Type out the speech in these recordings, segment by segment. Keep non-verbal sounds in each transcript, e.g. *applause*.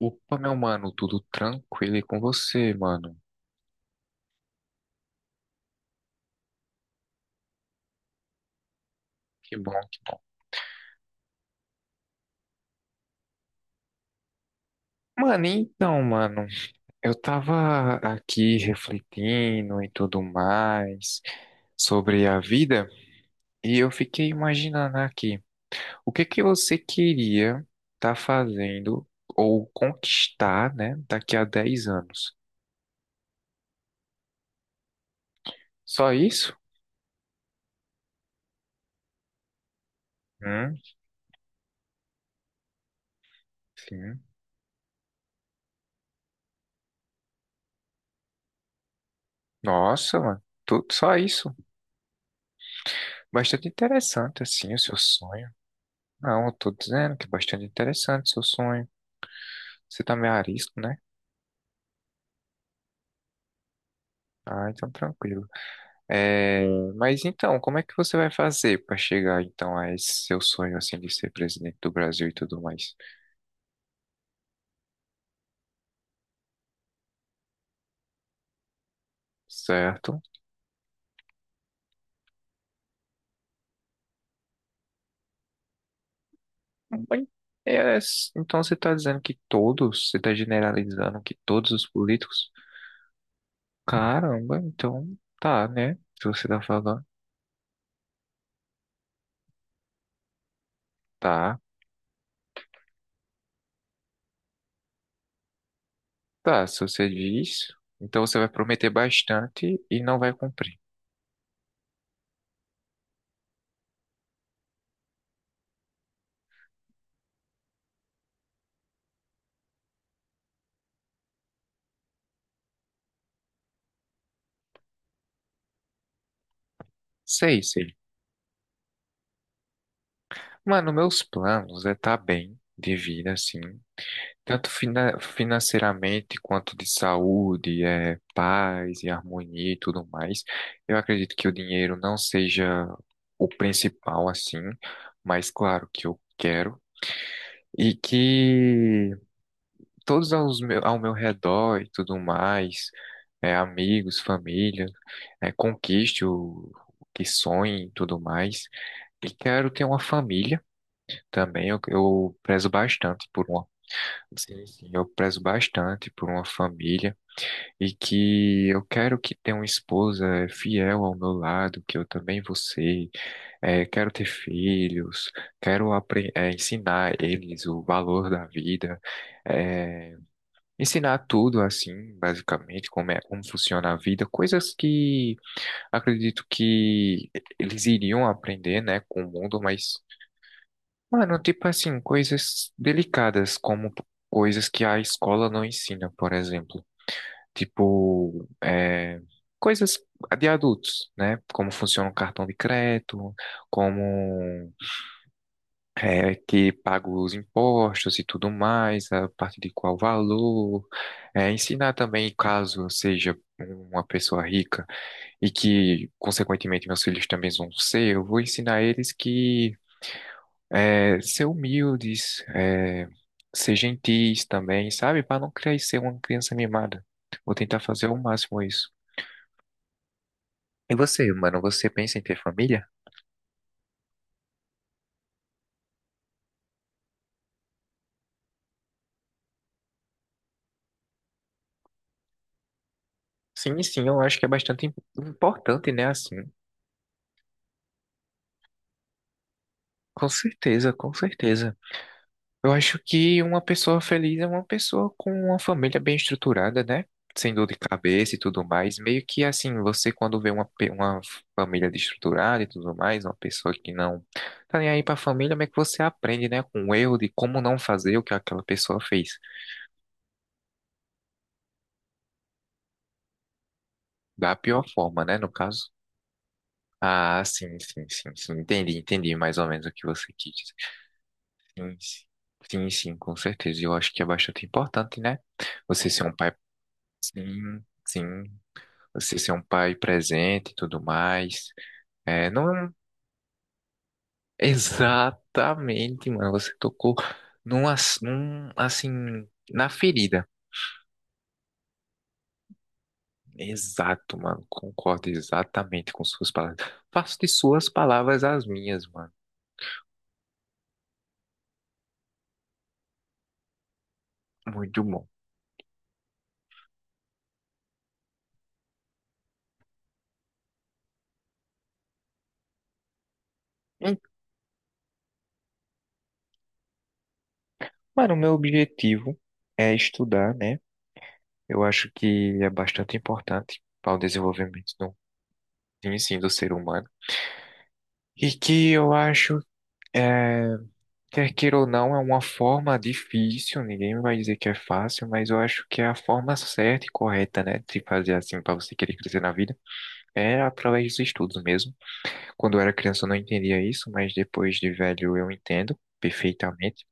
Opa, meu mano, tudo tranquilo e com você, mano? Que bom, que bom. Mano, então, mano, eu tava aqui refletindo e tudo mais sobre a vida e eu fiquei imaginando aqui, o que que você queria tá fazendo ou conquistar, né, daqui a 10 anos? Só isso? Hum, sim. Nossa, mano, tudo só isso. Bastante interessante, assim, o seu sonho. Não, eu tô dizendo que é bastante interessante o seu sonho. Você também é arisco, né? Ah, então tranquilo. É, mas então, como é que você vai fazer para chegar então a esse seu sonho assim de ser presidente do Brasil e tudo mais? Certo? Bem, é, então você está dizendo que todos, você está generalizando que todos os políticos? Caramba, então tá, né? Se você tá falando, tá, tá. Se você diz, então você vai prometer bastante e não vai cumprir. Sei, sei. Mano, meus planos é tá bem de vida assim. Tanto financeiramente quanto de saúde, é, paz e harmonia e tudo mais. Eu acredito que o dinheiro não seja o principal assim, mas claro que eu quero. E que todos aos meu, ao meu redor e tudo mais, é, amigos, família, é, conquiste o que sonhe e tudo mais. E quero ter uma família também, eu prezo bastante por uma. Sim, sim, eu prezo bastante por uma família e que eu quero que tenha uma esposa fiel ao meu lado, que eu também vou ser. Quero ter filhos, quero ensinar eles o valor da vida, eh, ensinar tudo assim, basicamente, como é, como funciona a vida, coisas que acredito que eles iriam aprender, né, com o mundo, mas. Mano, tipo assim, coisas delicadas, como coisas que a escola não ensina, por exemplo. Tipo, é, coisas de adultos, né? Como funciona o cartão de crédito, como é que paga os impostos e tudo mais, a partir de qual valor. É, ensinar também, caso eu seja uma pessoa rica e que, consequentemente, meus filhos também vão ser, eu vou ensinar eles que. É, ser humildes, é, ser gentis também, sabe? Para não crescer uma criança mimada. Vou tentar fazer o máximo isso. E você, mano, você pensa em ter família? Sim, sim, eu acho que é bastante importante, né? Assim, com certeza, com certeza. Eu acho que uma pessoa feliz é uma pessoa com uma família bem estruturada, né? Sem dor de cabeça e tudo mais. Meio que assim, você quando vê uma família desestruturada e tudo mais, uma pessoa que não tá nem aí pra família, como é que você aprende, né? Com o erro de como não fazer o que aquela pessoa fez. Da pior forma, né? No caso. Ah, sim, sim, sim, sim. Entendi, entendi mais ou menos o que você quis dizer. Sim, sim, sim, sim, com certeza. Eu acho que é bastante importante, né? Você ser um pai. Sim, sim. Você ser um pai presente e tudo mais. É, não é um *laughs* exatamente, mano. Você tocou num, assim, na ferida. Exato, mano. Concordo exatamente com suas palavras. Faço de suas palavras as minhas, mano. Muito bom. Hum, Mano, o meu objetivo é estudar, né? Eu acho que é bastante importante para o desenvolvimento do, sim, sim, do ser humano. E que eu acho é, quer queira ou não, é uma forma difícil, ninguém vai dizer que é fácil, mas eu acho que é a forma certa e correta, né, de fazer assim para você querer crescer na vida, é através dos estudos mesmo. Quando eu era criança eu não entendia isso, mas depois de velho eu entendo perfeitamente.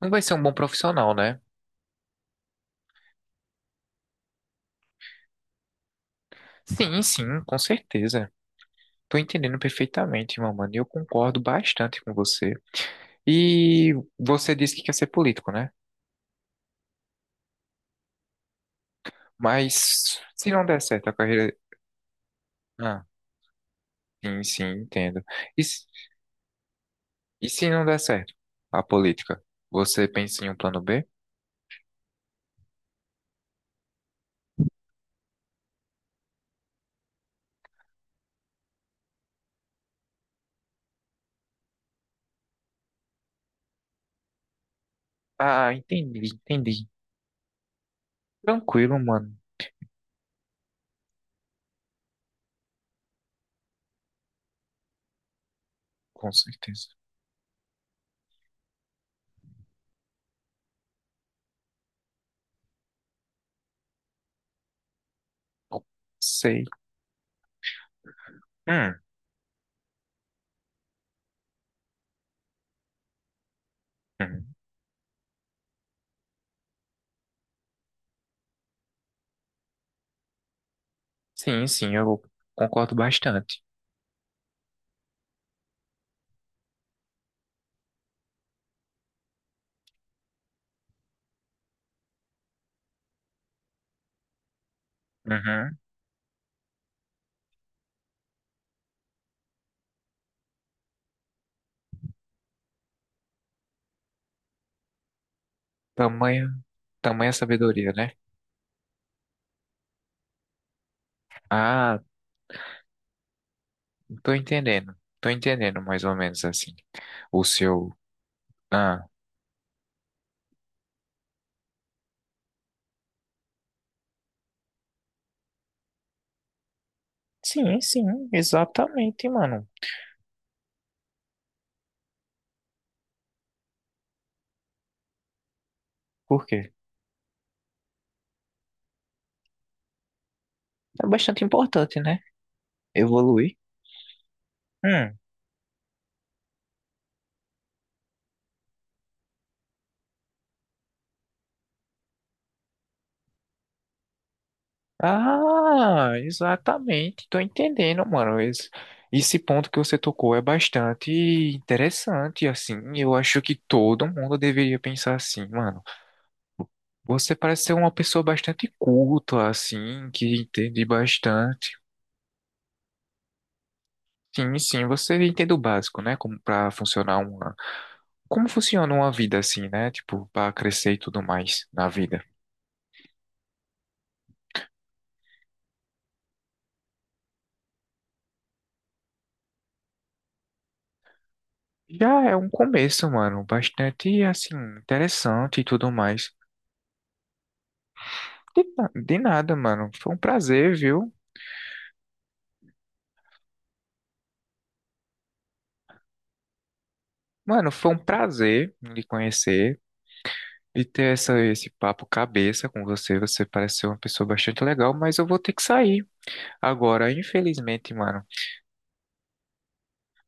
Não vai ser um bom profissional, né? Sim, sim, com certeza. Tô entendendo perfeitamente, meu mano, e eu concordo bastante com você. E você disse que quer ser político, né? Mas se não der certo a carreira. Ah, sim, sim, entendo. E E se não der certo a política, você pensa em um plano B? Ah, entendi, entendi. Tranquilo, mano, com certeza. Sei. Hum, hum. Sim, sim, eu concordo bastante. Uhum. Tamanha, tamanha sabedoria, né? Ah, tô entendendo. Tô entendendo mais ou menos assim. O seu. Ah. Sim, sim, exatamente, mano. Por quê? É bastante importante, né? Evoluir. Hum. Ah, exatamente. Tô entendendo, mano. Esse ponto que você tocou é bastante interessante, assim. Eu acho que todo mundo deveria pensar assim, mano. Você parece ser uma pessoa bastante culta, assim, que entende bastante. Sim, sim, você entende o básico, né? Como pra funcionar uma. Como funciona uma vida assim, né? Tipo, pra crescer e tudo mais na vida. Já é um começo, mano, bastante assim interessante e tudo mais. De nada, mano. Foi um prazer, viu? Mano, foi um prazer lhe conhecer e ter essa, esse papo cabeça com você. Você parece ser uma pessoa bastante legal, mas eu vou ter que sair agora, infelizmente, mano.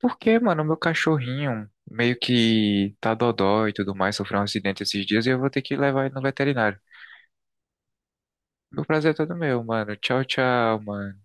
Porque, mano, meu cachorrinho meio que tá dodó e tudo mais, sofreu um acidente esses dias e eu vou ter que levar ele no veterinário. Meu prazer é todo meu, mano. Tchau, tchau, mano.